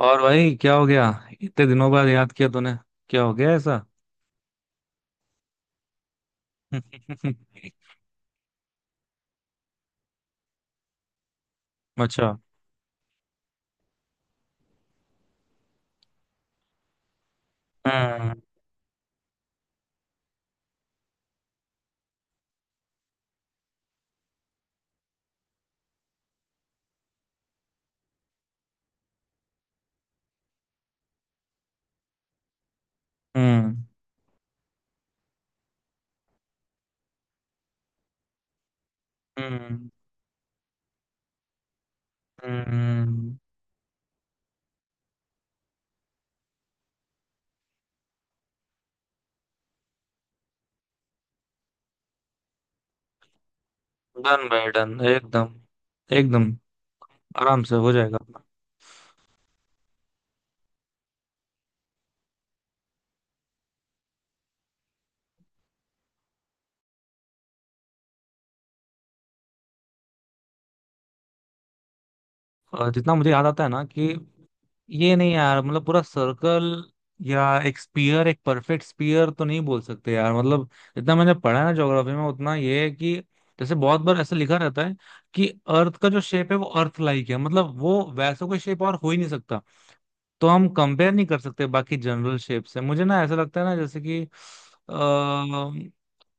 और भाई क्या हो गया। इतने दिनों बाद याद किया तूने। क्या हो गया ऐसा। अच्छा। हम्म। हम्म। हम्म। हम्म। डन भाई डन एकदम। एकदम आराम से हो जाएगा अपना। और जितना मुझे याद आता है ना कि ये नहीं यार, मतलब पूरा सर्कल या एक स्पीयर, एक परफेक्ट स्पीयर तो नहीं बोल सकते यार। मतलब जितना मैंने पढ़ा है ना ज्योग्राफी में उतना ये है कि जैसे बहुत बार ऐसा लिखा रहता है कि अर्थ का जो शेप है वो अर्थ लाइक है। मतलब वो वैसा कोई शेप और हो ही नहीं सकता, तो हम कंपेयर नहीं कर सकते बाकी जनरल शेप से। मुझे ना ऐसा लगता है ना, जैसे कि अ,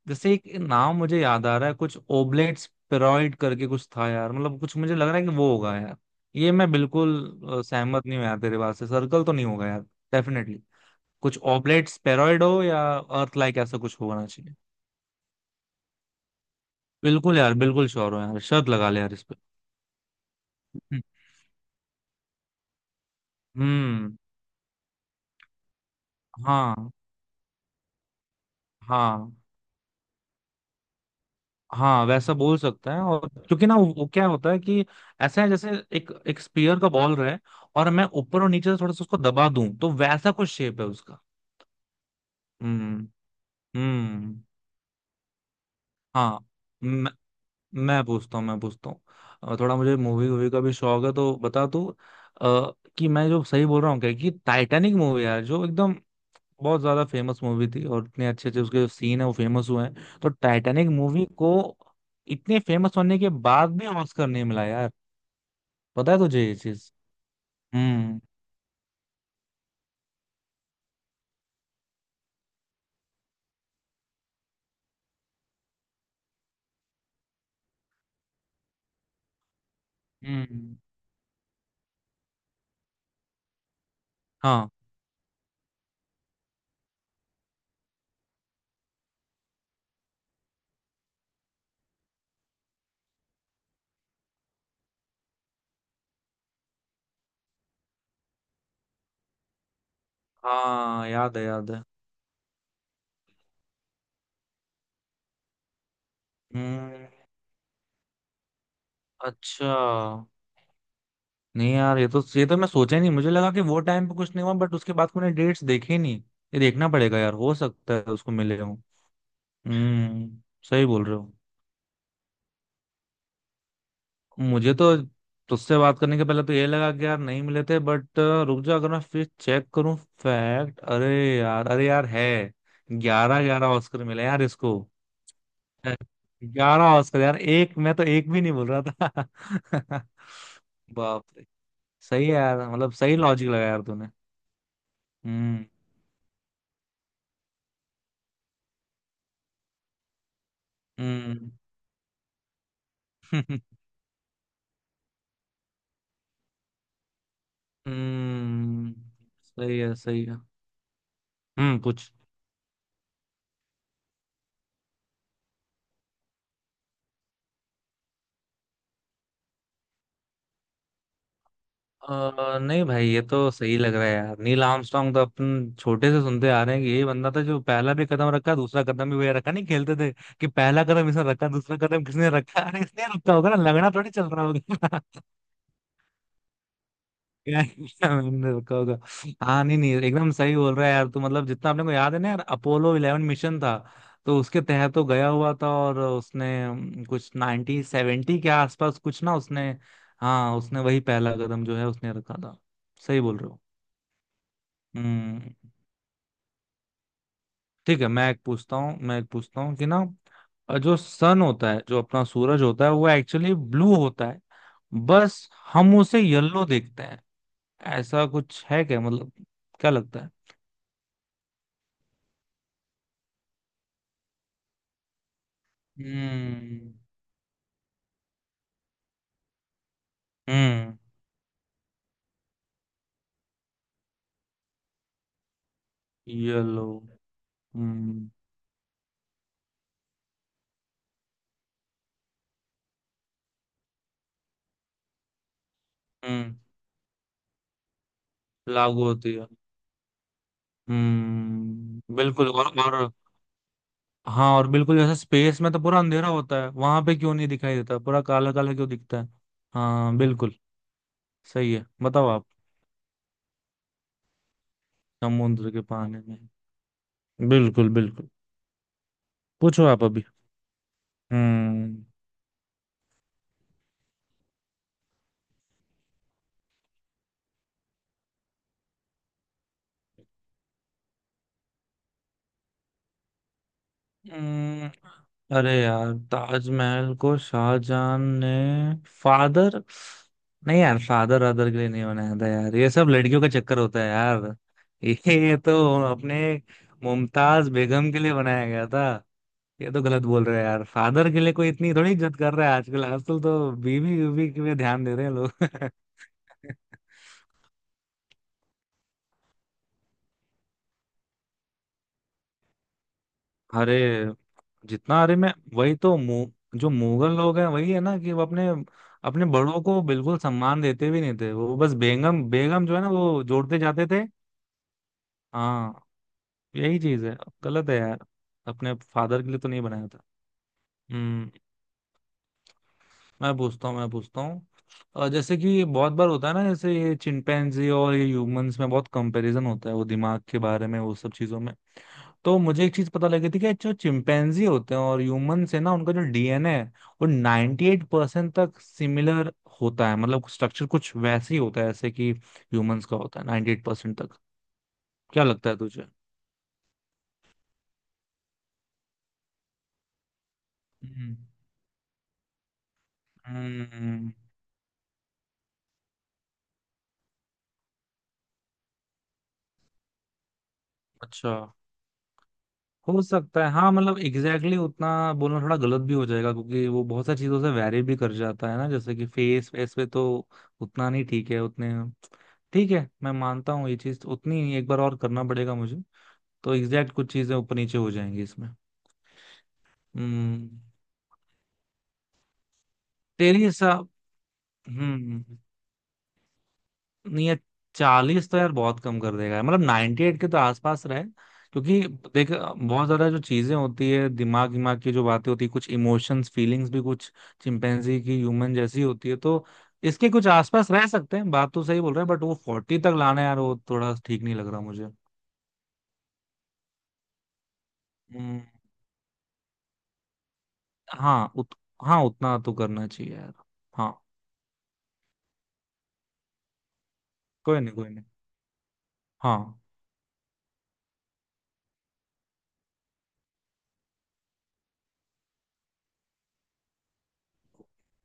जैसे एक नाम मुझे याद आ रहा है, कुछ ओबलेट स्पेरॉइड करके कुछ था यार। मतलब कुछ मुझे लग रहा है कि वो होगा यार। ये मैं बिल्कुल सहमत नहीं हूँ यार तेरे बात से। सर्कल तो नहीं होगा यार, डेफिनेटली। कुछ ओबलेट स्पेरॉइड हो या अर्थ लाइक ऐसा कुछ होना चाहिए। बिल्कुल यार, बिल्कुल श्योर हो यार, शर्त लगा ले यार इस पे। हम्म। हम्म, हाँ। हाँ। हाँ वैसा बोल सकते हैं। और क्योंकि ना वो क्या होता है कि ऐसा है जैसे एक एक स्पीयर का बॉल रहे, और मैं ऊपर और नीचे से थोड़ा सा उसको दबा दूं तो वैसा कुछ शेप है उसका। हम्म। हम्म। हाँ। मैं मैं पूछता हूँ, थोड़ा मुझे मूवी वूवी का भी शौक है, तो बता तू कि मैं जो सही बोल रहा हूँ क्या कि टाइटैनिक मूवी यार जो एकदम बहुत ज्यादा फेमस मूवी थी, और इतने अच्छे अच्छे उसके जो सीन है वो फेमस हुए हैं, तो टाइटैनिक मूवी को इतने फेमस होने के बाद भी ऑस्कर नहीं मिला यार। पता है तुझे ये चीज हम्म। हम्म। हाँ हाँ, याद है, याद है। हम्म। अच्छा। नहीं यार, ये तो मैं सोचा ही नहीं। मुझे लगा कि वो टाइम पे कुछ नहीं हुआ, बट उसके बाद मैंने डेट्स देखे ही नहीं। ये देखना पड़ेगा यार, हो सकता है उसको मिले हूँ। हम्म। सही बोल रहे हो। मुझे तो तुझसे बात करने के पहले तो ये लगा कि यार नहीं मिले थे, बट रुक जा, अगर मैं फिर चेक करूँ। फैक्ट, अरे यार, अरे यार है। ग्यारह ग्यारह ऑस्कर मिले यार इसको। ग्यारह ऑस्कर यार, एक मैं तो एक भी नहीं बोल रहा था। बाप रे। सही है यार, मतलब सही लॉजिक लगाया यार तूने। हम्म। हम्म। हम्म। सही है, सही है। हम्म। कुछ नहीं भाई ये तो सही लग रहा है यार। नील आर्मस्ट्रांग तो अपन छोटे से सुनते आ रहे हैं कि यही बंदा था, जो पहला भी कदम रखा दूसरा कदम भी वही रखा, नहीं खेलते थे कि पहला कदम इसने रखा दूसरा कदम किसने रखा। अरे इसने रखा होगा ना, लगना थोड़ी चल रहा होगा। क्या, क्या मैंने रखा होगा? हाँ नहीं नहीं एकदम सही बोल रहा है यार तू। मतलब जितना अपने को याद है ना यार, अपोलो 11 मिशन था तो उसके तहत तो गया हुआ था। और उसने कुछ 1970 के आसपास कुछ ना उसने, हाँ उसने वही पहला कदम जो है उसने रखा था। सही बोल रहे हो। हम्म। ठीक है, मैं एक पूछता हूँ कि ना जो सन होता है, जो अपना सूरज होता है, वो एक्चुअली ब्लू होता है, बस हम उसे येलो देखते हैं। ऐसा कुछ है क्या, मतलब क्या लगता है? हम्म। हम्म। येलो। हम्म। हम्म लागू होती है। बिल्कुल। और, हाँ, और बिल्कुल जैसे स्पेस में तो पूरा अंधेरा होता है वहां पे, क्यों नहीं दिखाई देता, पूरा काला काला क्यों दिखता है। हाँ बिल्कुल। सही है, बताओ आप। समुद्र के पानी में बिल्कुल, बिल्कुल। पूछो आप अभी। हम्म। हम्म, अरे यार ताजमहल को शाहजहां ने फादर, नहीं यार, फादर अदर के लिए नहीं बनाया था यार, ये सब लड़कियों का चक्कर होता है यार। ये तो अपने मुमताज बेगम के लिए बनाया गया था। ये तो गलत बोल रहे हैं यार, फादर के लिए कोई इतनी थोड़ी इज्जत कर रहा है। आजकल आजकल तो बीवी बीवी के लिए ध्यान दे रहे हैं लोग। अरे जितना, अरे मैं, वही तो जो मुगल लोग हैं वही है ना, कि वो अपने, अपने बड़ों को बिल्कुल सम्मान देते भी नहीं थे। वो बस बेगम बेगम जो है ना वो जोड़ते जाते थे। हाँ, यही चीज है, गलत है यार। अपने फादर के लिए तो नहीं बनाया था। हम्म। मैं पूछता हूँ और जैसे कि ये बहुत बार होता है ना, जैसे ये चिंपैंजी और ये ह्यूमंस में बहुत कंपैरिजन होता है, वो दिमाग के बारे में वो सब चीजों में। तो मुझे एक चीज पता लगी थी कि जो चिंपैंजी होते हैं और ह्यूमन से ना उनका जो डीएनए है वो 98% परसेंट तक सिमिलर होता है। मतलब स्ट्रक्चर कुछ वैसे ही होता है जैसे कि ह्यूमंस का होता है, 98% परसेंट तक। क्या लगता है तुझे? हम्म। हम्म, अच्छा। हो सकता है हाँ, मतलब एग्जैक्टली exactly उतना बोलना थोड़ा गलत भी हो जाएगा, क्योंकि वो बहुत सारी चीजों से वैरी भी कर जाता है ना, जैसे कि फेस फेस पे तो उतना नहीं। ठीक है उतने, ठीक है मैं मानता हूँ ये चीज उतनी नहीं, एक बार और करना पड़ेगा मुझे। तो एग्जैक्ट कुछ चीजें ऊपर नीचे हो जाएंगी इसमें। हम्म। तेरे हिसाब। हम्म। नहीं ये, 40 तो यार बहुत कम कर देगा, मतलब 98 के तो आसपास रहे, क्योंकि देख बहुत ज्यादा जो चीजें होती है, दिमाग दिमाग की जो बातें होती है, कुछ इमोशंस फीलिंग्स भी कुछ चिंपैंजी की ह्यूमन जैसी होती है। तो इसके कुछ आसपास रह सकते हैं, बात तो सही बोल रहे हैं, बट वो 40 तक लाना यार वो थोड़ा ठीक नहीं लग रहा मुझे। हम्म, हाँ हाँ उतना तो करना चाहिए यार। हाँ। कोई नहीं, कोई नहीं। हाँ।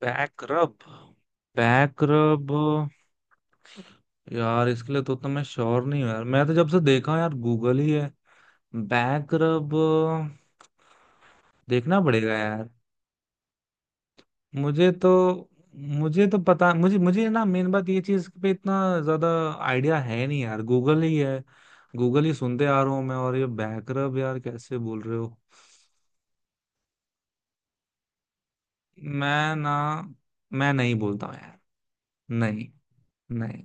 Back rub. बैक रब यार, इसके लिए तो मैं श्योर नहीं हूँ यार, मैं तो जब से देखा यार गूगल ही है। बैक रब। देखना पड़ेगा यार। मुझे तो मुझे तो पता, मुझे मुझे ना मेन बात ये चीज पे इतना ज्यादा आइडिया है नहीं यार, गूगल ही है, गूगल ही सुनते आ रहा हूँ मैं, और ये बैक रब यार कैसे बोल रहे हो। मैं ना मैं नहीं बोलता हूँ यार। नहीं। नहीं।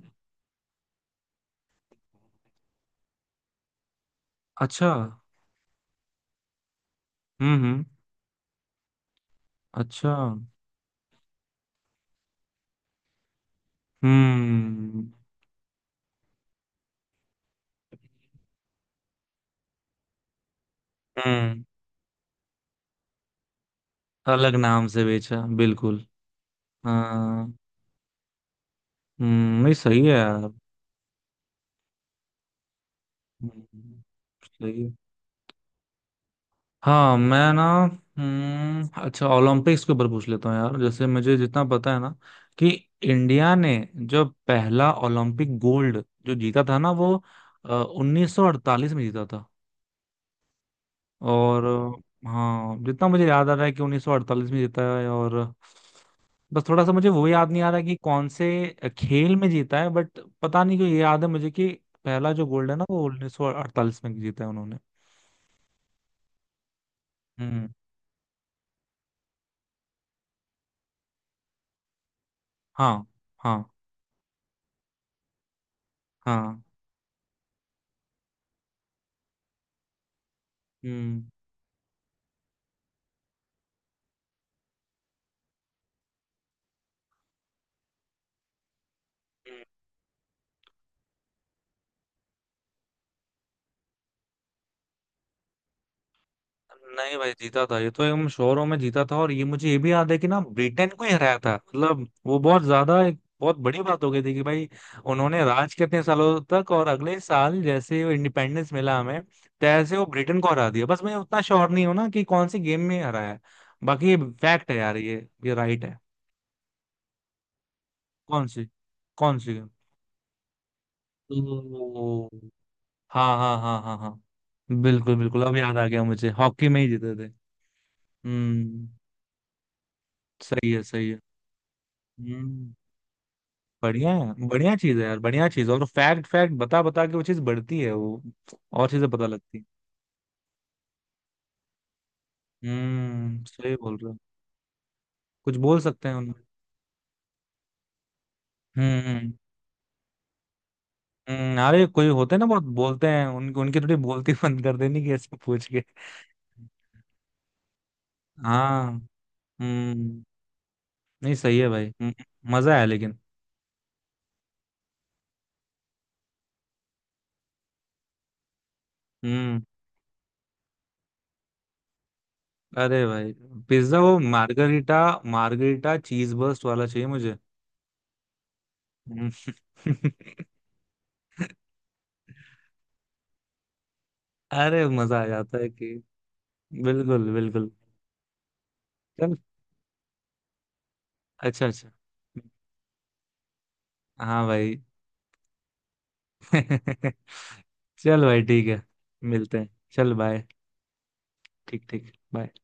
अच्छा। हम्म। हम्म। अच्छा। हम्म। हम्म। अलग नाम से बेचा बिल्कुल। हाँ। हम्म। नहीं सही है यार। हम्म, सही है। हाँ मैं ना हम्म, अच्छा ओलंपिक्स के ऊपर पूछ लेता हूँ यार। जैसे मुझे जितना पता है ना कि इंडिया ने जो पहला ओलंपिक गोल्ड जो जीता था ना, वो 1948 में जीता था। और हाँ, जितना मुझे याद आ रहा है कि 1948 में जीता है, और बस थोड़ा सा मुझे वो याद नहीं आ रहा कि कौन से खेल में जीता है, बट पता नहीं क्यों ये याद है मुझे कि पहला जो गोल्ड है ना वो 1948 में जीता है उन्होंने। हम्म। हाँ हाँ हाँ। हम्म। नहीं भाई जीता था, ये तो एकदम शोरों में जीता था, और ये मुझे ये भी याद है कि ना, ब्रिटेन को ही हराया था। मतलब वो बहुत ज्यादा एक बहुत बड़ी बात हो गई थी कि भाई उन्होंने राज कितने सालों तक, और अगले साल जैसे वो इंडिपेंडेंस मिला हमें तैसे वो ब्रिटेन को हरा दिया। बस मैं उतना श्योर नहीं हूं ना कि कौन सी गेम में हराया है। बाकी ये फैक्ट है यार ये राइट है। कौन सी, कौन सी गेम? ओ हाँ हाँ हाँ हाँ हाँ, बिल्कुल बिल्कुल, अब याद आ गया मुझे, हॉकी में ही जीते थे। हम्म। सही है, सही है। हम्म। बढ़िया है, बढ़िया चीज है यार, बढ़िया चीज है। और फैक्ट फैक्ट बता बता के वो चीज बढ़ती है वो और चीजें पता लगती है। हम्म, सही बोल रहे हो। कुछ बोल सकते हैं उनमें। हम्म। हम्म। अरे कोई होते हैं ना बहुत बोलते हैं, उनकी उनकी थोड़ी बोलती बंद कर देनी कि ऐसे पूछ के। हाँ। हम्म। नहीं सही है भाई। मजा आया लेकिन। हम्म। अरे भाई। पिज्जा वो मार्गरीटा, मार्गरीटा चीज बर्स्ट वाला चाहिए मुझे। हम्म, अरे मजा आ जाता है कि, बिल्कुल बिल्कुल। अच्छा अच्छा। हाँ भाई। चल भाई ठीक है। मिलते हैं, चल बाय। ठीक ठीक bye।